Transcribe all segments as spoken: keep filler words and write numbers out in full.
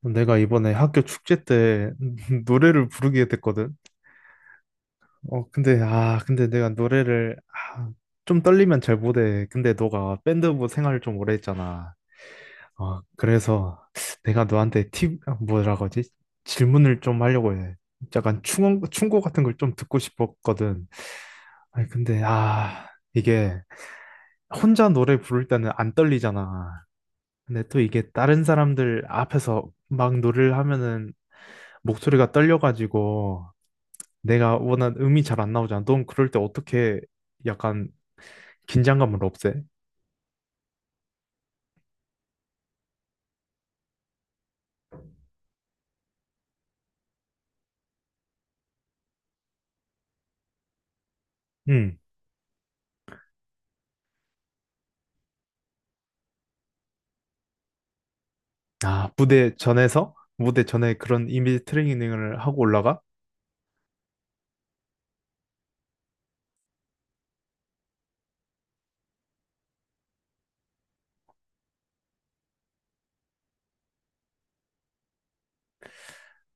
내가 이번에 학교 축제 때 노래를 부르게 됐거든. 어, 근데, 아, 근데 내가 노래를, 아, 좀 떨리면 잘 못해. 근데 너가 밴드부 생활을 좀 오래 했잖아. 어, 그래서 내가 너한테 팁, 아, 뭐라고 하지? 질문을 좀 하려고 해. 약간 충원, 충고 같은 걸 좀 듣고 싶었거든. 아니, 근데, 아, 이게 혼자 노래 부를 때는 안 떨리잖아. 근데 또 이게 다른 사람들 앞에서 막 노래를 하면은 목소리가 떨려가지고 내가 원한 음이 잘 안 나오잖아. 넌 그럴 때 어떻게 약간 긴장감을 없애? 음. 아, 무대 전에서? 무대 전에 그런 이미지 트레이닝을 하고 올라가?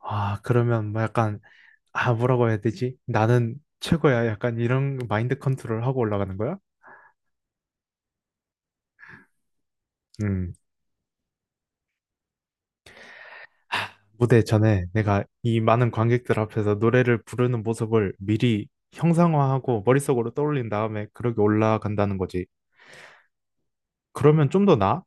아, 그러면 뭐 약간, 아, 뭐라고 해야 되지? 나는 최고야. 약간 이런 마인드 컨트롤 하고 올라가는 거야? 음. 무대 전에 내가 이 많은 관객들 앞에서 노래를 부르는 모습을 미리 형상화하고 머릿속으로 떠올린 다음에 그렇게 올라간다는 거지. 그러면 좀 더 나아?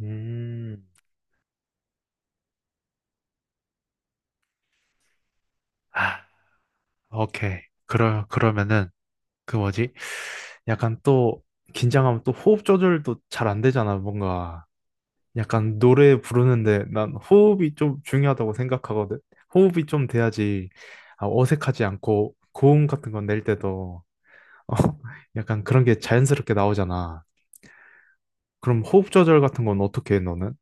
음. 아. 오케이. 그러, 그러면은, 그 뭐지? 약간 또, 긴장하면 또 호흡 조절도 잘 안 되잖아, 뭔가. 약간 노래 부르는데 난 호흡이 좀 중요하다고 생각하거든. 호흡이 좀 돼야지 아, 어색하지 않고 고음 같은 건 낼 때도 어, 약간 그런 게 자연스럽게 나오잖아. 그럼 호흡 조절 같은 건 어떻게 해, 너는?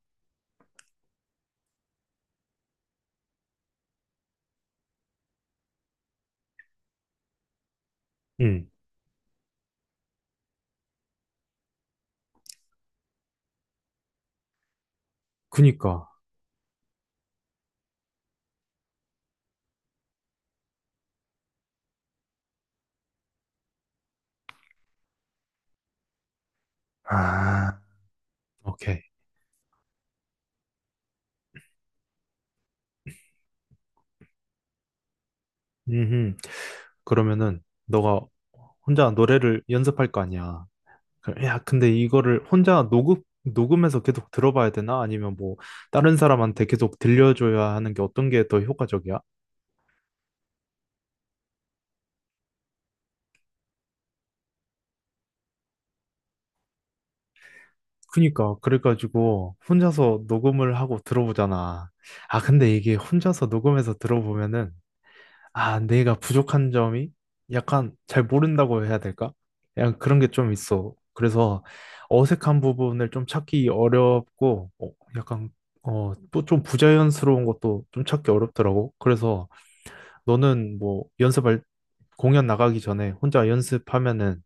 응, 그니까. 아, 오케이. 음, 그러면은 너가 혼자 노래를 연습할 거 아니야. 그- 야, 근데 이거를 혼자 녹음, 녹음해서 계속 들어봐야 되나? 아니면 뭐, 다른 사람한테 계속 들려줘야 하는 게 어떤 게 더 효과적이야? 그니까, 그래가지고, 혼자서 녹음을 하고 들어보잖아. 아, 근데 이게 혼자서 녹음해서 들어보면은, 아, 내가 부족한 점이 약간 잘 모른다고 해야 될까? 약간 그런 게 좀 있어. 그래서 어색한 부분을 좀 찾기 어렵고, 어, 약간, 어, 또 좀 부자연스러운 것도 좀 찾기 어렵더라고. 그래서, 너는 뭐 연습할 공연 나가기 전에 혼자 연습하면은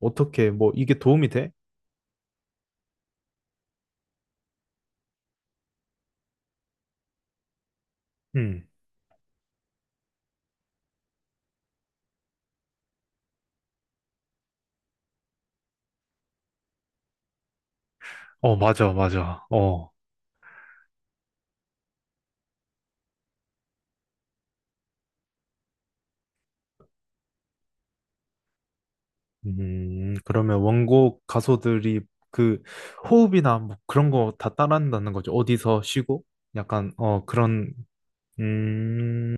어떻게 뭐 이게 도움이 돼? 음. 어, 맞아, 맞아. 어. 음, 그러면 원곡 가수들이 그 호흡이나 뭐 그런 거 다 따라한다는 거죠. 어디서 쉬고 약간 어 그런 음.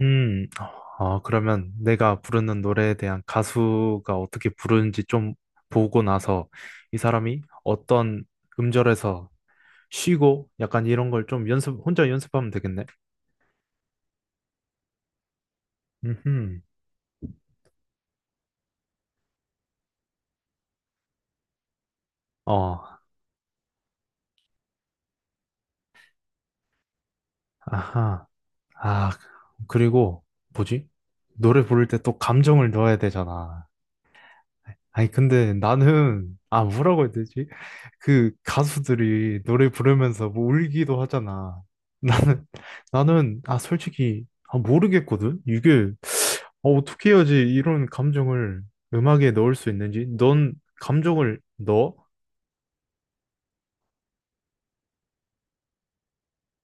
음. 아, 그러면 내가 부르는 노래에 대한 가수가 어떻게 부르는지 좀 보고 나서 이 사람이 어떤 음절에서 쉬고 약간 이런 걸 좀 연습 혼자 연습하면 되겠네. 음. 어. 아하. 아, 그리고 뭐지? 노래 부를 때 또 감정을 넣어야 되잖아. 아니 근데 나는 아 뭐라고 해야 되지? 그 가수들이 노래 부르면서 뭐 울기도 하잖아. 나는 나는 아 솔직히 아 모르겠거든. 이게 어, 어떻게 해야지 이런 감정을 음악에 넣을 수 있는지? 넌 감정을 넣어?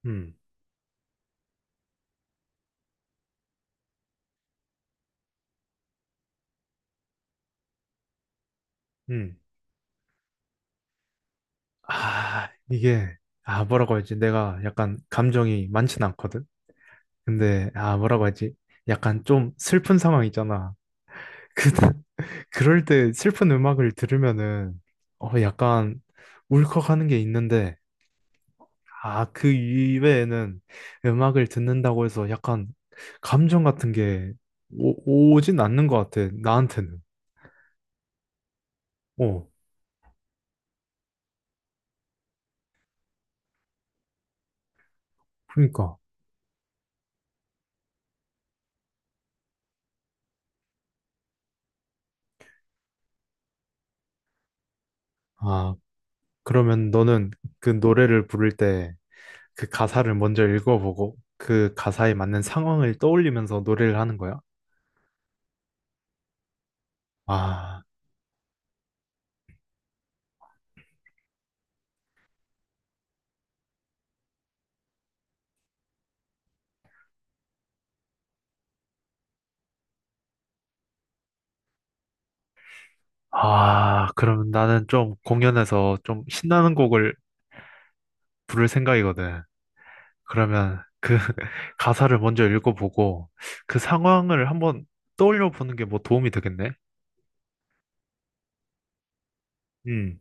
음. 음. 아, 이게, 아, 뭐라고 하지? 내가 약간 감정이 많진 않거든? 근데, 아, 뭐라고 하지? 약간 좀 슬픈 상황 있잖아. 그, 그럴 때 슬픈 음악을 들으면은, 어, 약간 울컥하는 게 있는데, 아, 그 이외에는 음악을 듣는다고 해서 약간 감정 같은 게 오, 오진 않는 것 같아, 나한테는. 어, 그러니까. 아, 그러면 너는 그 노래를 부를 때, 그 가사를 먼저 읽어보고 그 가사에 맞는 상황을 떠올리면서 노래를 하는 거야? 아, 아, 그러면 나는 좀 공연에서 좀 신나는 곡을 부를 생각이거든. 그러면 그 가사를 먼저 읽어보고 그 상황을 한번 떠올려 보는 게 뭐 도움이 되겠네? 음.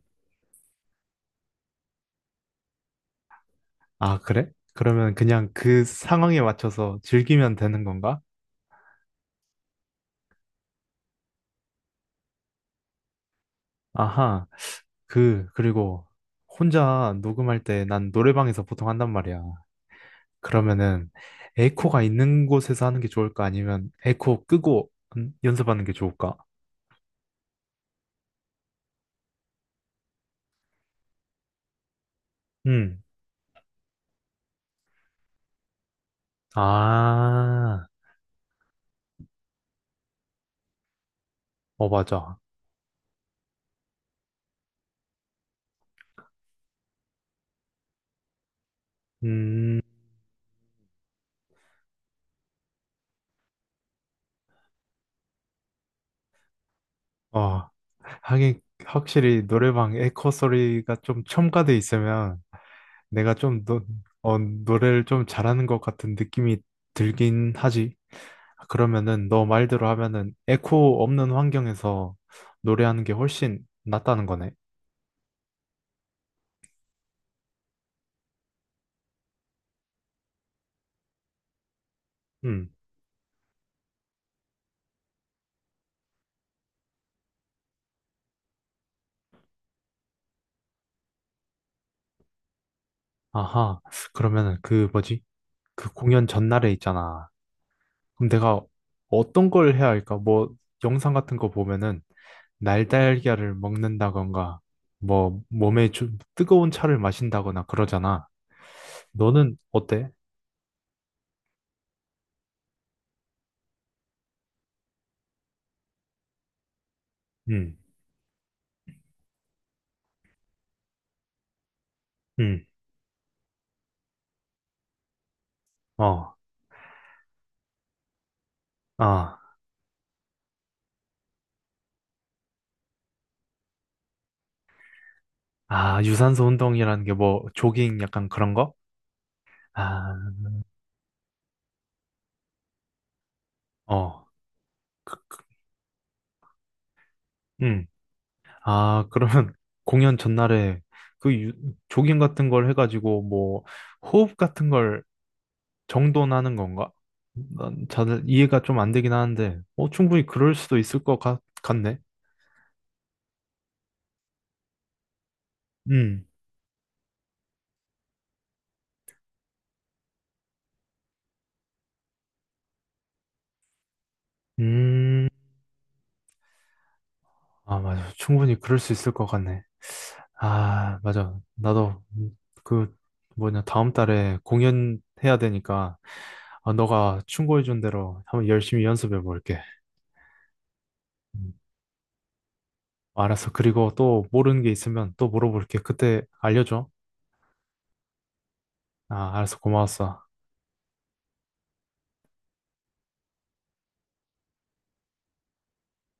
아, 그래? 그러면 그냥 그 상황에 맞춰서 즐기면 되는 건가? 아하. 그, 그리고 혼자 녹음할 때 난 노래방에서 보통 한단 말이야. 그러면은 에이코가 있는 곳에서 하는 게 좋을까? 아니면 에이코 끄고 음, 연습하는 게 좋을까? 음. 아, 어, 맞아. 음, 어, 하긴, 확실히 노래방 에코 소리가 좀 첨가돼 있으면 내가 좀 노, 어, 노래를 좀 잘하는 것 같은 느낌이 들긴 하지. 그러면은 너 말대로 하면은 에코 없는 환경에서 노래하는 게 훨씬 낫다는 거네. 음, 아하. 그러면은 그 뭐지? 그 공연 전날에 있잖아. 그럼 내가 어떤 걸 해야 할까? 뭐 영상 같은 거 보면은 날달걀을 먹는다던가 뭐 몸에 좀 뜨거운 차를 마신다거나 그러잖아. 너는 어때? 응, 응, 어, 아, 아, 유산소 운동이라는 게 뭐 조깅 약간 그런 거? 아, 어, 그, 그, 응, 아, 그러면 공연 전날에 그 유- 조깅 같은 걸 해가지고 뭐 호흡 같은 걸 정돈하는 건가? 난 잘 이해가 좀 안 되긴 하는데, 어, 충분히 그럴 수도 있을 것 같, 같네. 음, 음, 아, 맞아. 충분히 그럴 수 있을 것 같네. 아, 맞아. 나도 그 뭐냐, 다음 달에 공연 해야 되니까, 아, 너가 충고해준 대로 한번 열심히 연습해 볼게. 음, 알았어. 그리고 또 모르는 게 있으면 또 물어볼게. 그때 알려줘. 아, 알았어. 고마웠어.